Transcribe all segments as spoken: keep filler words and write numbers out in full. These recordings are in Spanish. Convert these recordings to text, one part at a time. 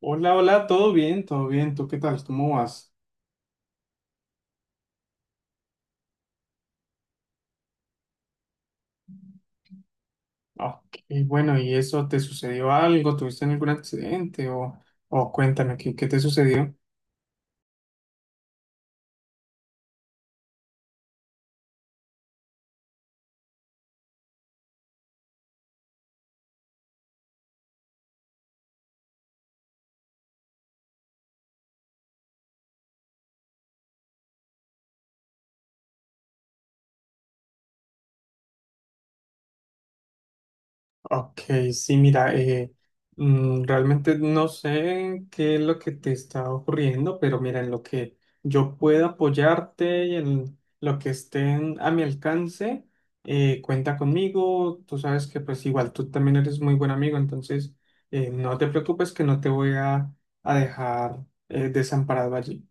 Hola, hola, todo bien, todo bien. ¿Tú qué tal? ¿Cómo vas? Ok, bueno, ¿y eso te sucedió algo? ¿Tuviste algún accidente? O, o cuéntame, ¿qué, qué te sucedió? Ok, sí, mira, eh, mm, realmente no sé qué es lo que te está ocurriendo, pero mira, en lo que yo pueda apoyarte y en lo que esté en- a mi alcance, eh, cuenta conmigo. Tú sabes que pues igual tú también eres muy buen amigo, entonces eh, no te preocupes que no te voy a, a dejar eh, desamparado allí.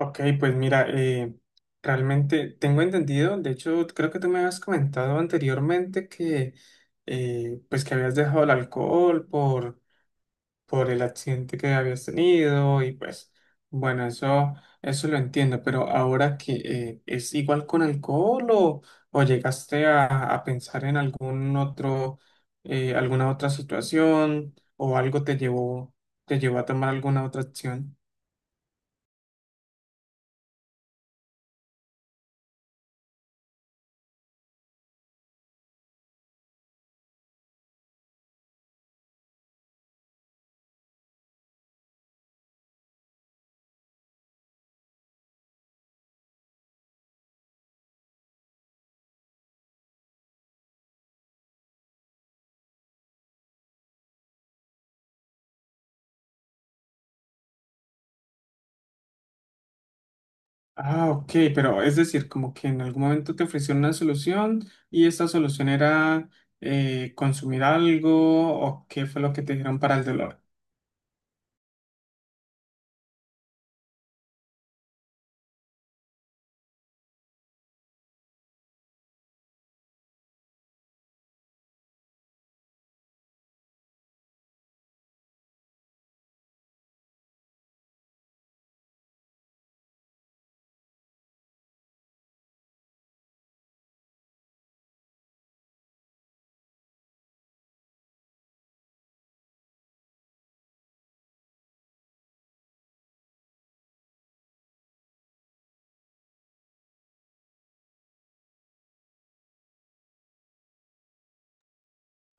Ok, pues mira, eh, realmente tengo entendido, de hecho creo que tú me habías comentado anteriormente que eh, pues que habías dejado el alcohol por, por el accidente que habías tenido y pues bueno, eso, eso lo entiendo, pero ahora que eh, es igual con alcohol o, o llegaste a, a pensar en algún otro, eh, alguna otra situación o algo te llevó, te llevó a tomar alguna otra acción. Ah, ok, pero es decir, como que en algún momento te ofrecieron una solución y esa solución era eh, consumir algo o qué fue lo que te dijeron para el dolor.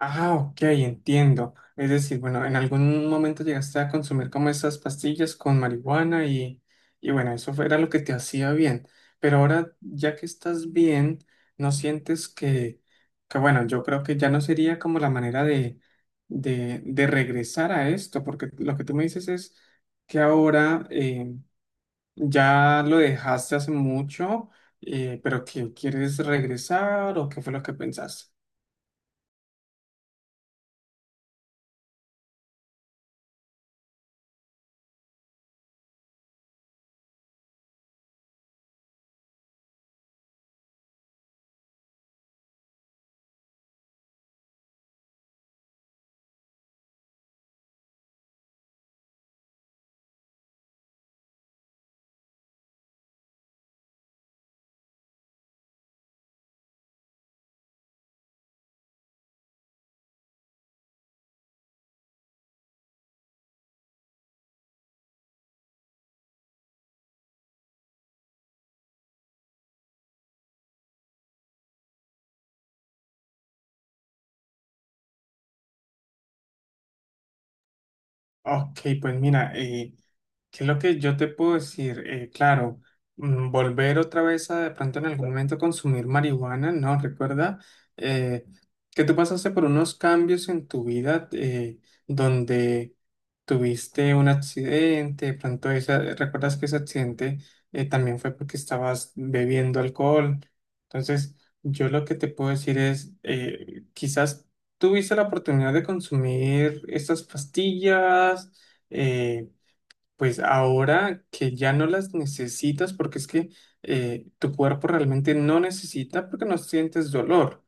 Ah, ok, entiendo. Es decir, bueno, en algún momento llegaste a consumir como esas pastillas con marihuana y, y bueno, eso fue- era lo que te hacía bien. Pero ahora, ya que estás bien, ¿no sientes que, que bueno, yo creo que ya no sería como la manera de, de, de regresar a esto? Porque lo que tú me dices es que ahora eh, ya lo dejaste hace mucho, eh, pero que quieres regresar o qué fue lo que pensaste. Ok, pues mira, eh, ¿qué es lo que yo te puedo decir? Eh, claro, mm, volver otra vez a de pronto en algún momento consumir marihuana, ¿no? Recuerda eh, que tú pasaste por unos cambios en tu vida eh, donde tuviste un accidente, de pronto esa- recuerdas que ese accidente eh, también fue porque estabas bebiendo alcohol. Entonces, yo lo que te puedo decir es, eh, quizás tuviste la oportunidad de consumir estas pastillas. eh, pues ahora que ya no las necesitas, porque es que eh, tu cuerpo realmente no necesita porque no sientes dolor.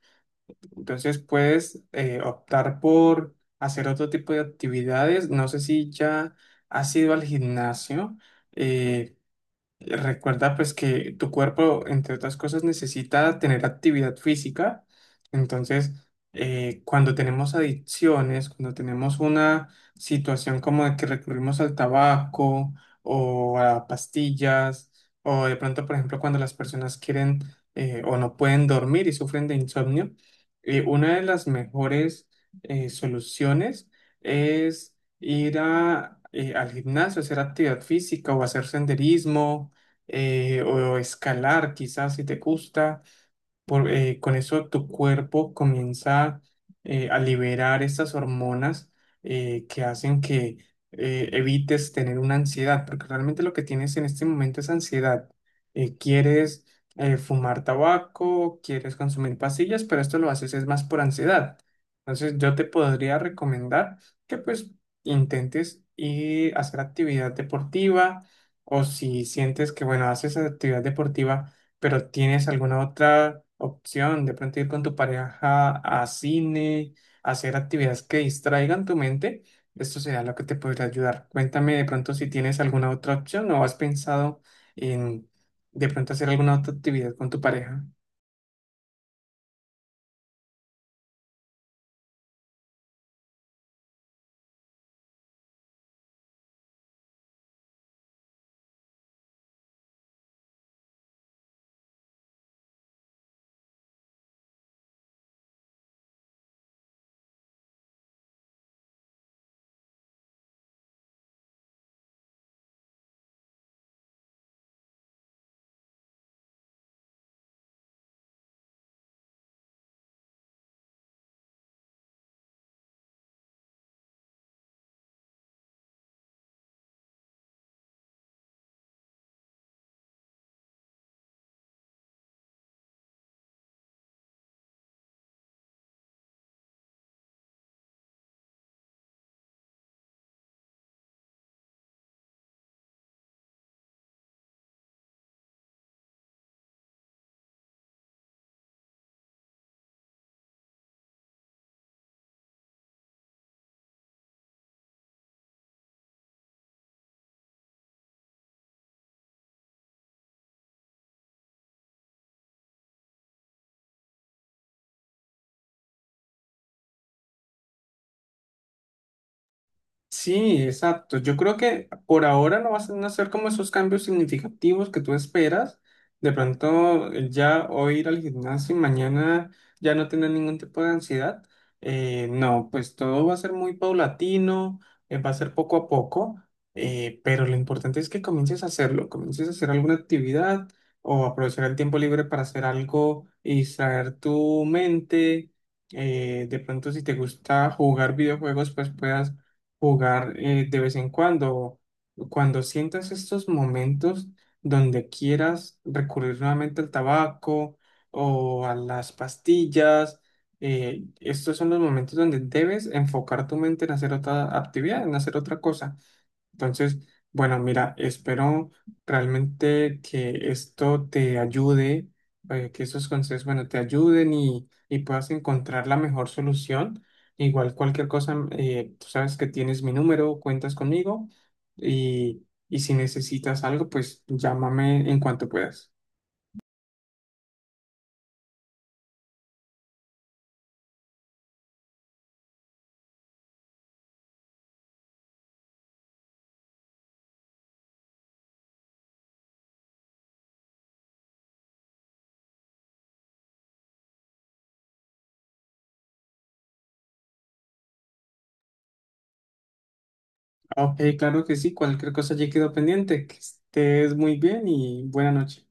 Entonces puedes eh, optar por hacer otro tipo de actividades. No sé si ya has ido al gimnasio, eh, recuerda pues que tu cuerpo, entre otras cosas, necesita tener actividad física. Entonces, eh, cuando tenemos adicciones, cuando tenemos una situación como de que recurrimos al tabaco o a pastillas, o de pronto, por ejemplo, cuando las personas quieren eh, o no pueden dormir y sufren de insomnio, eh, una de las mejores eh, soluciones es ir a, eh, al gimnasio, hacer actividad física o hacer senderismo eh, o escalar quizás si te gusta. Por, eh, con eso tu cuerpo comienza eh, a liberar estas hormonas eh, que hacen que eh, evites tener una ansiedad, porque realmente lo que tienes en este momento es ansiedad. Eh, quieres eh, fumar tabaco, quieres consumir pastillas, pero esto lo haces es más por ansiedad. Entonces yo te podría recomendar que pues intentes ir a hacer actividad deportiva o si sientes que bueno, haces actividad deportiva pero ¿tienes alguna otra opción? De pronto ir con tu pareja a cine, hacer actividades que distraigan tu mente. Esto será lo que te podría ayudar. Cuéntame de pronto si tienes alguna otra opción o has pensado en de pronto hacer alguna otra actividad con tu pareja. Sí, exacto. Yo creo que por ahora no vas a hacer como esos cambios significativos que tú esperas. De pronto, eh, ya hoy ir al gimnasio y mañana ya no tener ningún tipo de ansiedad. Eh, no, pues todo va a ser muy paulatino, eh, va a ser poco a poco, eh, pero lo importante es que comiences a hacerlo, comiences a hacer alguna actividad o aprovechar el tiempo libre para hacer algo y distraer tu mente. Eh, de pronto, si te gusta jugar videojuegos, pues puedas jugar eh, de vez en cuando, cuando sientas estos momentos donde quieras recurrir nuevamente al tabaco o a las pastillas, eh, estos son los momentos donde debes enfocar tu mente en hacer otra actividad, en hacer otra cosa. Entonces, bueno, mira, espero realmente que esto te ayude, eh, que estos consejos, bueno, te ayuden y, y puedas encontrar la mejor solución. Igual cualquier cosa, eh, tú sabes que tienes mi número, cuentas conmigo y, y si necesitas algo, pues llámame en cuanto puedas. Ok, claro que sí, cualquier cosa ya quedo pendiente. Que estés muy bien y buena noche.